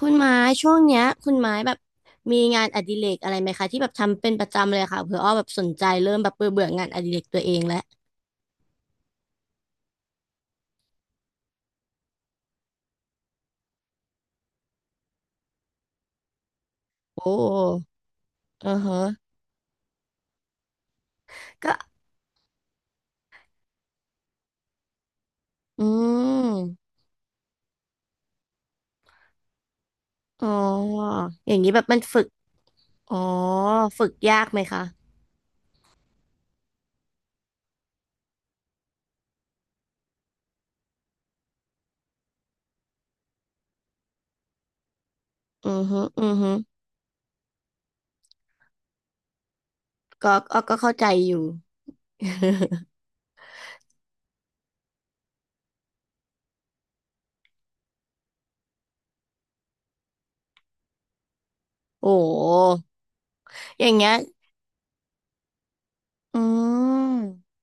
คุณไม้ช่วงเนี้ยคุณไม้แบบมีงานอดิเรกอะไรไหมคะที่แบบทำเป็นประจำเลยค่ะเผื่ออ้อแบบสนใจเริ่มแบบเบื่อเบื่องานอดิเรกตัวเองแล้วโอ้อือฮะก็อืมอ๋ออย่างนี้แบบมันฝึกอ๋อฝึกยากไหมคะอือฮึอือฮึก็อ้อก็เข้าใจอยู่ โอ้อย่างเงี้ยอืม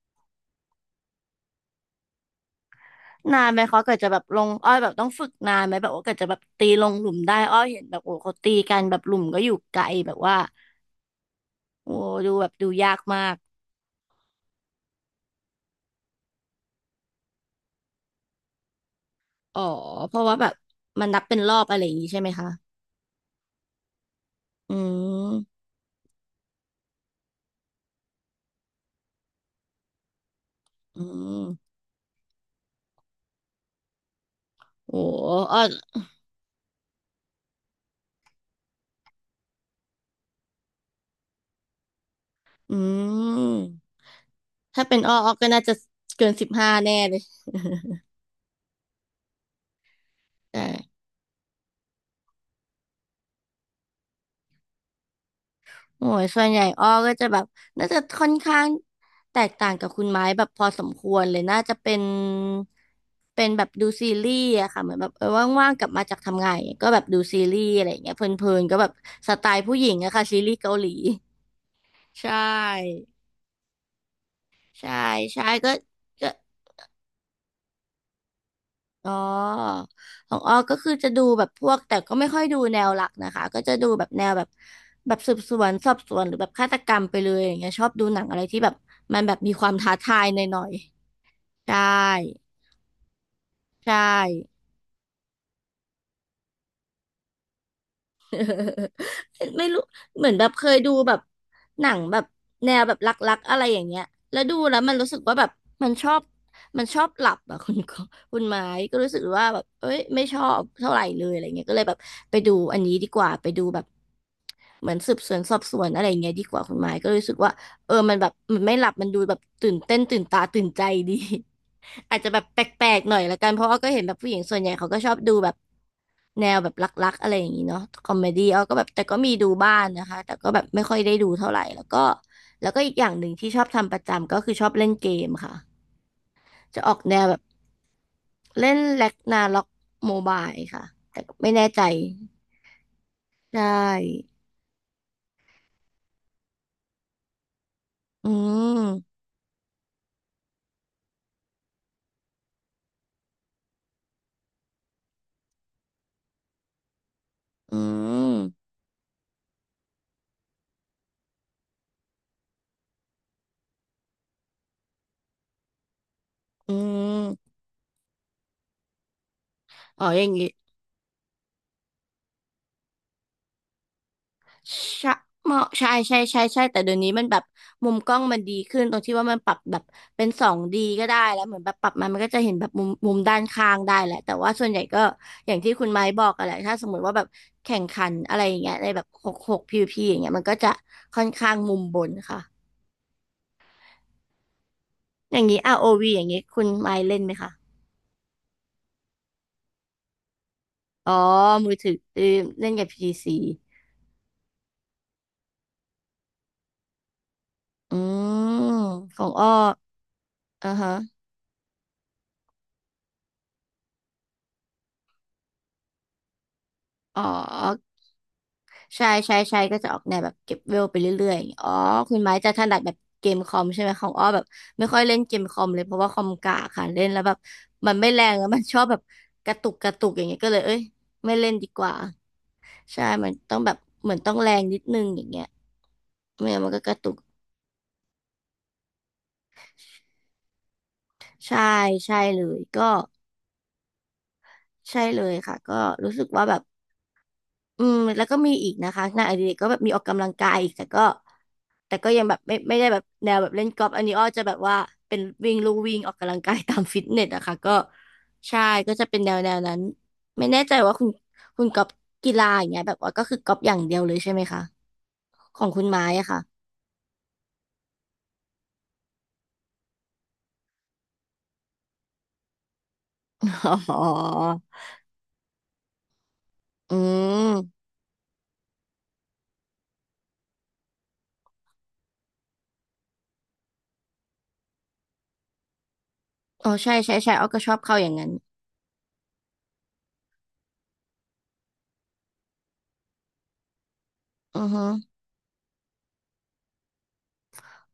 นานไหมเขาเกิดจะแบบลงอ้อยแบบต้องฝึกนานไหมแบบว่าเกิดจะแบบตีลงหลุมได้อ้อยเห็นแบบโอ้เขาตีกันแบบหลุมก็อยู่ไกลแบบว่า โอ้ดูแบบดูยากมากอ๋อเพราะว่าแบบมันนับเป็นรอบอะไรอย่างนี้ใช่ไหมคะอืมอืมโอ้อ้ออืมถ้าเป็นอ้ออ้อก็น่าจะเกินสิบห้าแน่เลย แต่โอ้ยส่วนใหญ่อ้อก็จะแบบน่าจะค่อนข้างแตกต่างกับคุณไม้แบบพอสมควรเลยน่าจะเป็นเป็นแบบดูซีรีส์อะค่ะเหมือนแบบเออว่างๆกลับมาจากทำงานอย่างเงี้ยก็แบบดูซีรีส์อะไรอย่างเงี้ยเพลินๆก็แบบสไตล์ผู้หญิงอะค่ะซีรีส์เกาหลี ใช่ ใช่ ใช่ก็อ๋อของออก็คือจะดูแบบพวกแต่ก็ไม่ค่อยดูแนวหลักนะคะ ก็จะดูแบบแนวแบบแบบสืบสวนสอบสวนหรือแบบฆาตกรรมไปเลยอย่างเงี้ยชอบดูหนังอะไรที่แบบมันแบบมีความท้าทายหน่อยๆ ใช่ ใช่ ไม่รู้เหมือนแบบเคยดูแบบหนังแบบแนวแบบรักๆอะไรอย่างเงี้ยแล้วดูแล้วมันรู้สึกว่าแบบมันชอบมันชอบหลับอะ คุณไม้ก็รู้สึกว่าแบบเอ้ยไม่ชอบเท่าไหร่เลยอะไรเงี้ยก็เลยแบบไปดูอันนี้ดีกว่าไปดูแบบเหมือนสืบสวนสอบสวนอะไรเงี้ยดีกว่าคุณไม้ก็รู้สึกว่าเออมันแบบมันไม่หลับมันดูแบบตื่นเต้นตื่นตาตื่นใจดี อาจจะแบบแปลกๆหน่อยละกันเพราะอ้อก็เห็นแบบผู้หญิงส่วนใหญ่เขาก็ชอบดูแบบแนวแบบรักๆอะไรอย่างนี้เนาะคอมเมดี้อ้อก็แบบแต่ก็มีดูบ้างนะคะแต่ก็แบบไม่ค่อยได้ดูเท่าไหร่แล้วก็แล้วก็อีกอย่างหนึ่งที่ชอบทำประจำก็คือชอบเล่นเกมค่ะจะออกแนวแบบเล่นแร็กนาร็อกโมบายค่ะแต่ก็ไม่แน่ใจใช่อืมอืมอืมอ๋ออย่างงี้ ใช่เหมาะใช่ใช่ใช่ใช่แต่เดี๋ยวนี้มันแบบมุมกล้องมันดีขึ้นตรงที่ว่ามันปรับแบบเป็นสองดีก็ได้แล้วเหมือนแบบปรับมามันก็จะเห็นแบบมุมด้านข้างได้แหละแต่ว่าส่วนใหญ่ก็อย่างที่คุณไม้บอกอะแหละถ้าสมมติว่าแบบแข่งขันอะไรอย่างเงี้ยในแบบหกหกพีวีพีอย่างเงี้ยมันก็จะค่อนข้างมุมบนค่ะอย่างนี้ r ์โอวีอย่างงี้คุณไม้เล่นไหมคะอ๋อมือถือเออเล่นกับ p ีซีอืมของอ้ออ่าฮะอ๋อ ใช่ใช่ใช่ก็จะออกแนวแบบเก็บเวลไปเรื่อยๆอย่างเงี้ยอ๋อคุณไม้จะถนัดแบบเกมคอมใช่ไหมของอ้อแบบไม่ค่อยเล่นเกมคอมเลยเพราะว่าคอมกากค่ะเล่นแล้วแบบมันไม่แรงแล้วมันชอบแบบกระตุกอย่างเงี้ยก็เลยเอ้ยไม่เล่นดีกว่าใช่มันต้องแบบเหมือนต้องแรงนิดนึงอย่างเงี้ยไม่งั้นมันก็กระตุกใช่ใช่เลยก็ใช่เลยค่ะก็รู้สึกว่าแบบอืมแล้วก็มีอีกนะคะงานอดิเรกก็แบบมีออกกำลังกายอีกแต่ก็ แต่ก็ยังแบบไม่ได้แบบแนวแบบเล่นกอล์ฟอันนี้อ้อจะแบบว่าเป็นวิ่งลู่วิ่งออกกำลังกายตามฟิตเนสอะค่ะก็ใช่ก็จะเป็นแนวแนวนั้นไม่แน่ใจว่าคุณกอล์ฟกีฬาอย่างเงี้ยแบบว่าก็คือกอล์ฟอย่างเดียวเลยใช่ไหมคะของคุณไม้อะค่ะ อ๋ออืมอ๋อใช่ใช่ใช่อ้อก็ชอบเข้าอย่างนั้นอือฮึ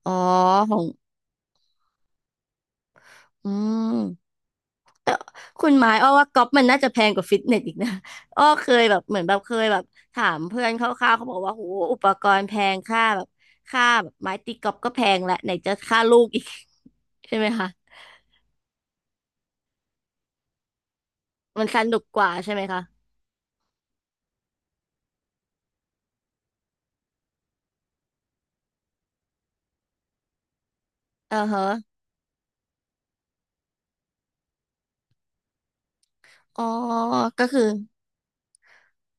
อ๋อของอืม คุณไม้อ้อว่าก๊อปมันน่าจะแพงกว่าฟิตเนสอีกนะ อ้อเคยแบบเหมือนแบบเคยแบบถามเพื่อนคร่าวๆเขาบอกว่าโหอุปกรณ์แพงค่าแบบค่าแบบไม้ตีก๊อปก็แพงและไหนจะค่าลูกอีก ใช่ไหมคะมันสนุกกว่าใช่ไหมคะเออฮะอ๋อก็คือ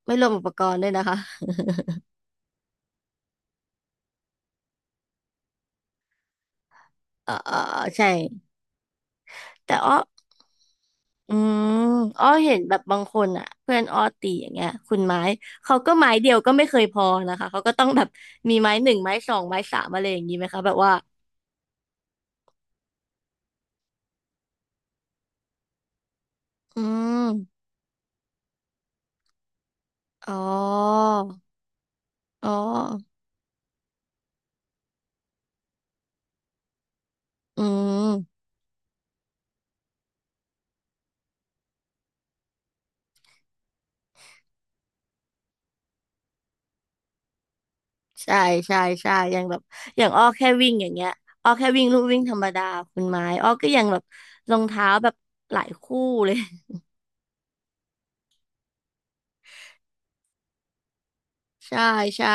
ไม่รวมอุปกรณ์ด้วยนะคะ เออเออเออใช่ แต่อ้ออืมอ้อเห็นแบบบางคนอ่ะเพื่อนอ้อตีอย่างเงี้ยคุณไม้เขาก็ไม้เดียวก็ไม่เคยพอนะคะ เขาก็ต้องแบบมีไม้หนึ่งไม้สองไม้สามอะไรอย่างนี้ไหมคะแบบว่าอืมอ๋ออ๋ออืมใช่ใช่ใช่อย่างแบบอย่างอ้อแค่วิ่งอย่างเงี้ยอ้อแค่วิ่งลู่วิ่งธรรมดาคุณไม้อ้อก็ยังแบบรองเท้าแบบหลายคู่เลย ใช่ใช่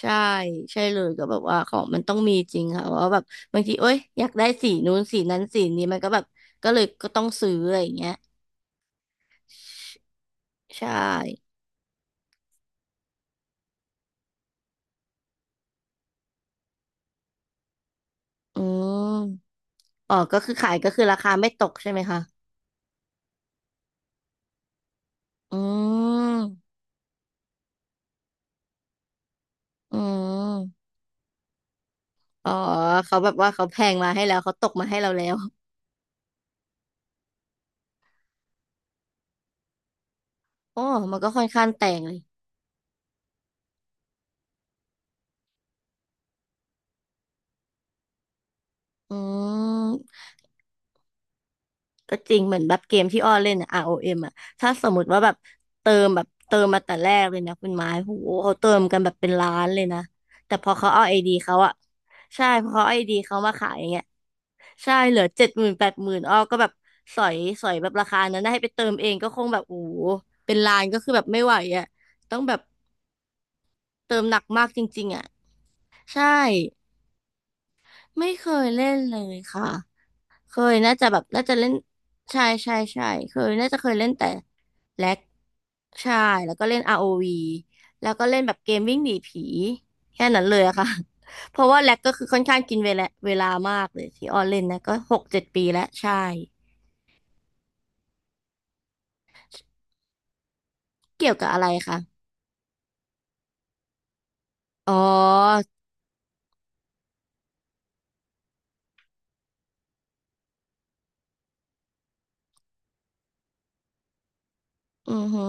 ใช่ใช่เลยก็แบบว่าของมันต้องมีจริงค่ะเพราะว่าแบบบางทีเอ้ยอยากได้สีนู้นสีนั้นสีนี้มันก็แบบก็เลยก็ต้องซื้ออะไรอย่างเงี้ยใช่อืมอ๋อก็คือขายก็คือราคาไม่ตกใช่ไหมคะอืมอืมอ๋อเขาแบบว่าเขาแพงมาให้แล้วเขาตกมาให้เราแล้วอ๋อมันก็ค่อนข้างแตกเลยอืม ก็จริงเหมือนแบบเกมที่อ้อเล่นอะ ROM อเอ็มอะถ้าสมมติว่าแบบเติมแบบเติมมาแต่แรกเลยนะคุณไม้โหเขาเติมกันแบบเป็นล้านเลยนะแต่พอเขาเอาไอดีเขาอะใช่พอเขาไอดีเขามาขายอย่างเงี้ยใช่เหลือเจ็ดหมื่นแปดหมื่นอ้อก็แบบสอยสอยแบบราคานั้นนะให้ไปเติมเองก็คงแบบโอ้โหเป็นล้านก็คือแบบไม่ไหวอะต้องแบบเติมหนักมากจริงๆอะใช่ ไม่เคยเล่นเลยค่ะ เคยน่าจะแบบน่าจะเล่นใช่ใช่ใช่เคยน่าจะเคยเล่นแต่แล็กใช่แล้วก็เล่น ROV แล้วก็เล่นแบบเกมวิ่งหนีผีแค่นั้นเลยอะค่ะ เพราะว่าแล็กก็คือค่อนข้างกินเวลามากเลยที่ออนเล่นนะก็6-7 ปีแล้วใช่เกี่ยวกับอะไรคะอ๋ออือฮึ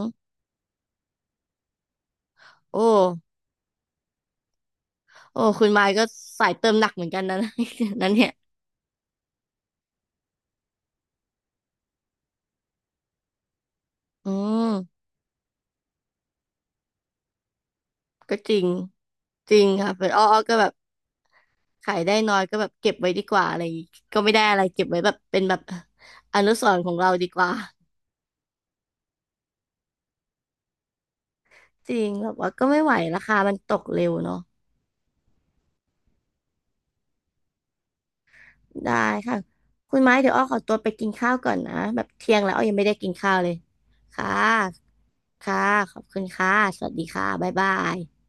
โอ้โอ้คุณมายก็สายเติมหนักเหมือนกันนะ นั้นเนี่ยอืมก็จริงจริงค่ะเป็นอ้ออ้อก็แบบ ขายได้น้อยก็แบบเก็บไว้ดีกว่าอะไรอย่างงี้ก็ไม่ได้อะไรเก็บไว้แบบเป็นแบบอนุสรณ์ของเราดีกว่าจริงแบบว่าก็ไม่ไหวราคามันตกเร็วเนาะได้ค่ะคุณไม้เดี๋ยวอ้อขอตัวไปกินข้าวก่อนนะแบบเที่ยงแล้วอ้อยังไม่ได้กินข้าวเลยค่ะค่ะขอบคุณค่ะสวัสดีค่ะบ๊ายบาย